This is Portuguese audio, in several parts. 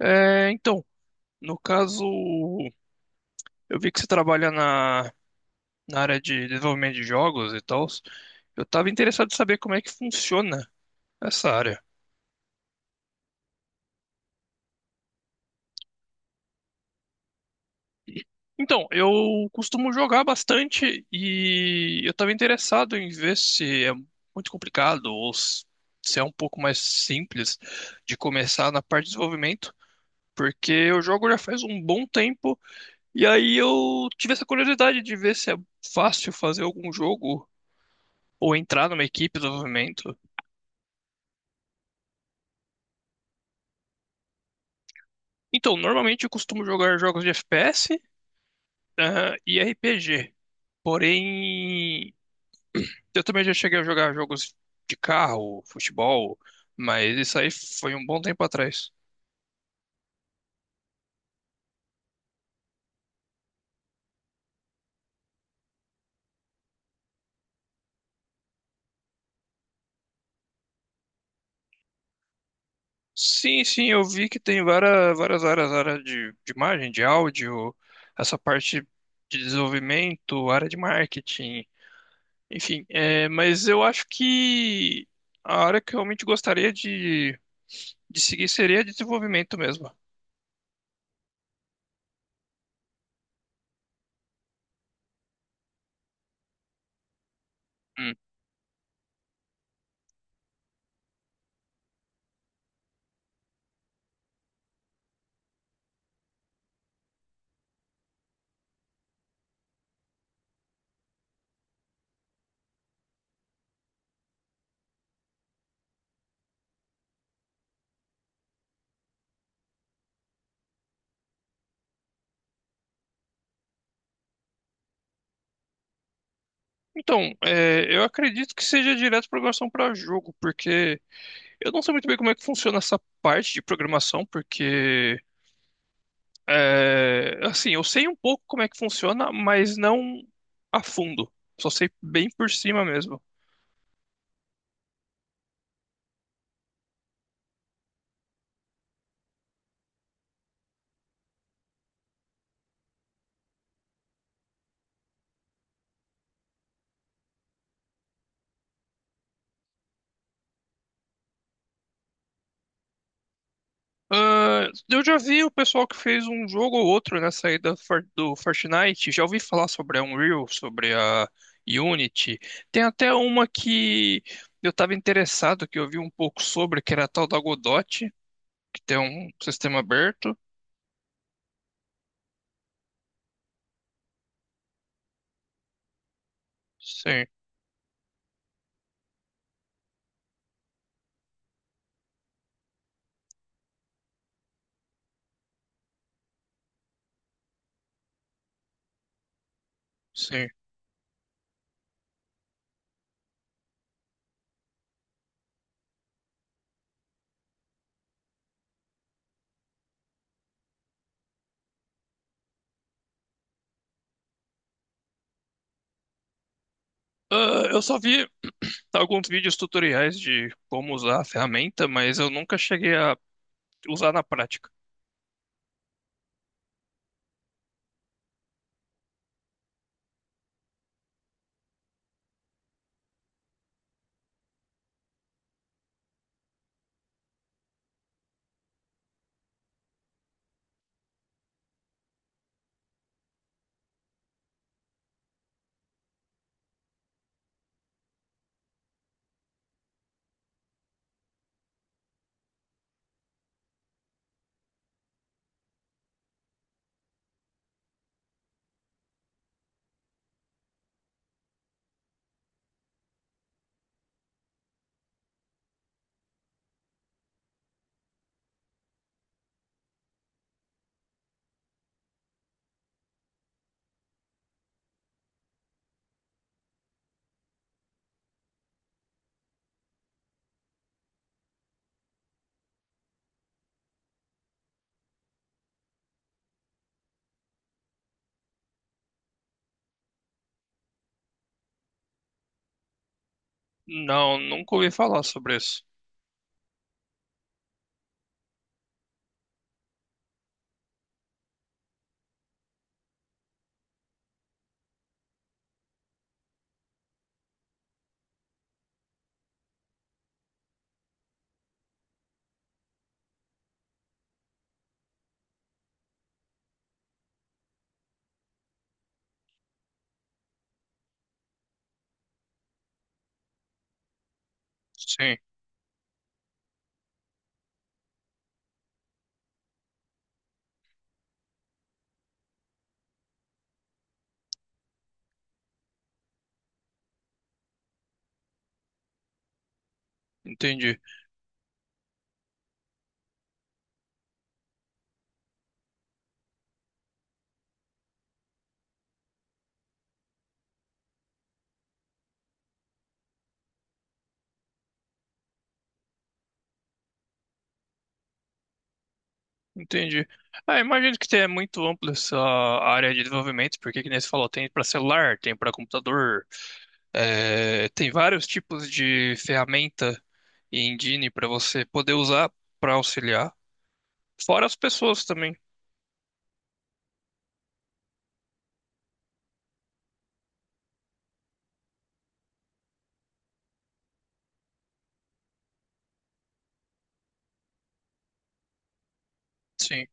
É, então, no caso, eu vi que você trabalha na, na área de desenvolvimento de jogos e tal. Eu estava interessado em saber como é que funciona essa área. Então, eu costumo jogar bastante e eu estava interessado em ver se é muito complicado ou se é um pouco mais simples de começar na parte de desenvolvimento, porque eu jogo já faz um bom tempo e aí eu tive essa curiosidade de ver se é fácil fazer algum jogo ou entrar numa equipe de desenvolvimento. Então, normalmente eu costumo jogar jogos de FPS, e RPG. Porém, eu também já cheguei a jogar jogos de carro, futebol, mas isso aí foi um bom tempo atrás. Sim, sim, eu vi que tem várias áreas, área de imagem, de áudio, essa parte de desenvolvimento, área de marketing, enfim. Mas eu acho que a área que eu realmente gostaria de seguir seria de desenvolvimento mesmo. Hum. Então, eu acredito que seja direto programação para jogo, porque eu não sei muito bem como é que funciona essa parte de programação, porque é, assim, eu sei um pouco como é que funciona, mas não a fundo. Só sei bem por cima mesmo. Ah, eu já vi o pessoal que fez um jogo ou outro nessa aí da do Fortnite, já ouvi falar sobre a Unreal, sobre a Unity. Tem até uma que eu estava interessado, que eu vi um pouco sobre, que era a tal da Godot, que tem um sistema aberto. Sim, sim. Ah, eu só vi alguns vídeos tutoriais de como usar a ferramenta, mas eu nunca cheguei a usar na prática. Não, nunca ouvi falar sobre isso. Sim, entendi, entendi. Ah, imagino que tenha muito ampla essa área de desenvolvimento, porque, que nem você falou, tem para celular, tem para computador, é, tem vários tipos de ferramenta e engine para você poder usar para auxiliar, fora as pessoas também. Sim,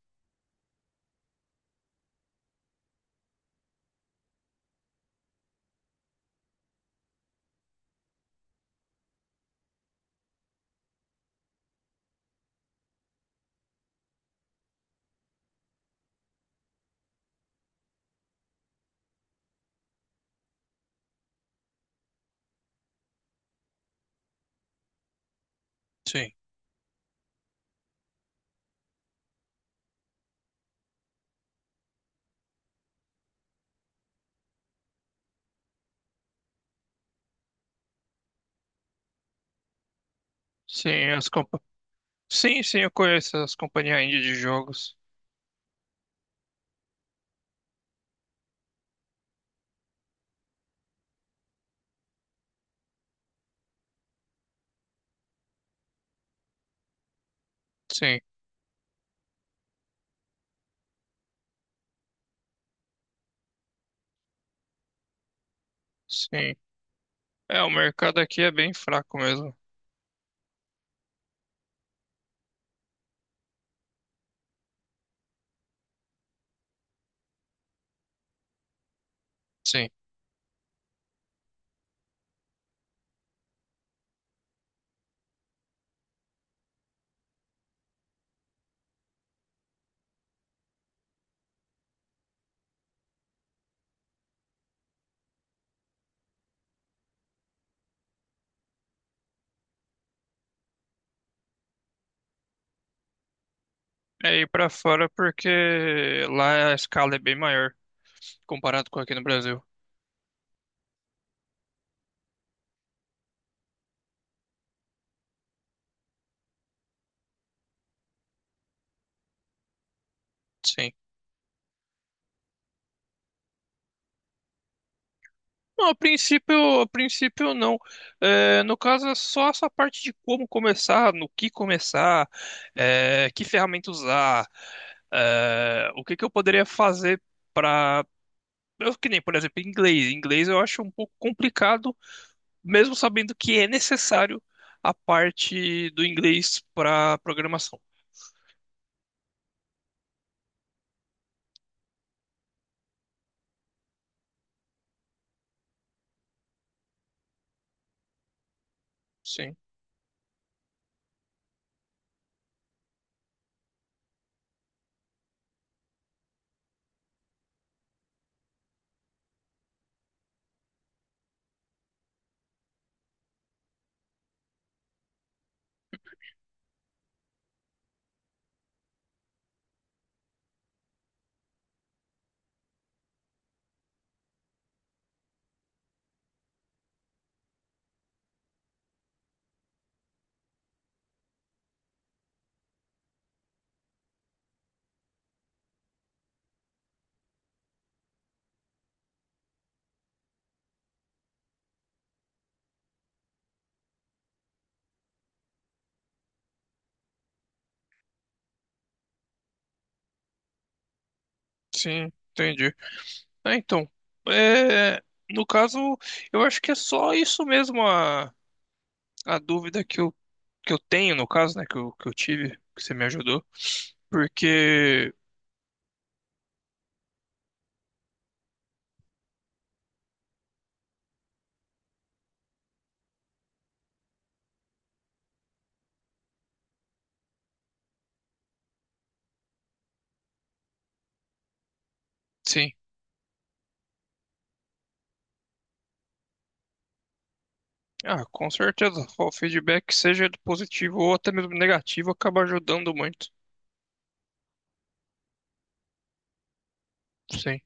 sim. Sim, as compa... sim, sim, eu conheço as companhias indie de jogos. Sim, sim. É, o mercado aqui é bem fraco mesmo. Sim. É ir pra fora porque lá a escala é bem maior comparado com aqui no Brasil. Sim. Não, a princípio não. É, no caso, é só essa parte de como começar, no que começar, é, que ferramenta usar, é, o que que eu poderia fazer para eu que nem, por exemplo, inglês. Inglês eu acho um pouco complicado mesmo sabendo que é necessário a parte do inglês para programação. Sim, sim, entendi. É, então, é, no caso, eu acho que é só isso mesmo a dúvida que eu tenho, no caso, né, que eu tive, que você me ajudou, porque, sim, ah, com certeza, o feedback, seja positivo ou até mesmo negativo, acaba ajudando muito. Sim.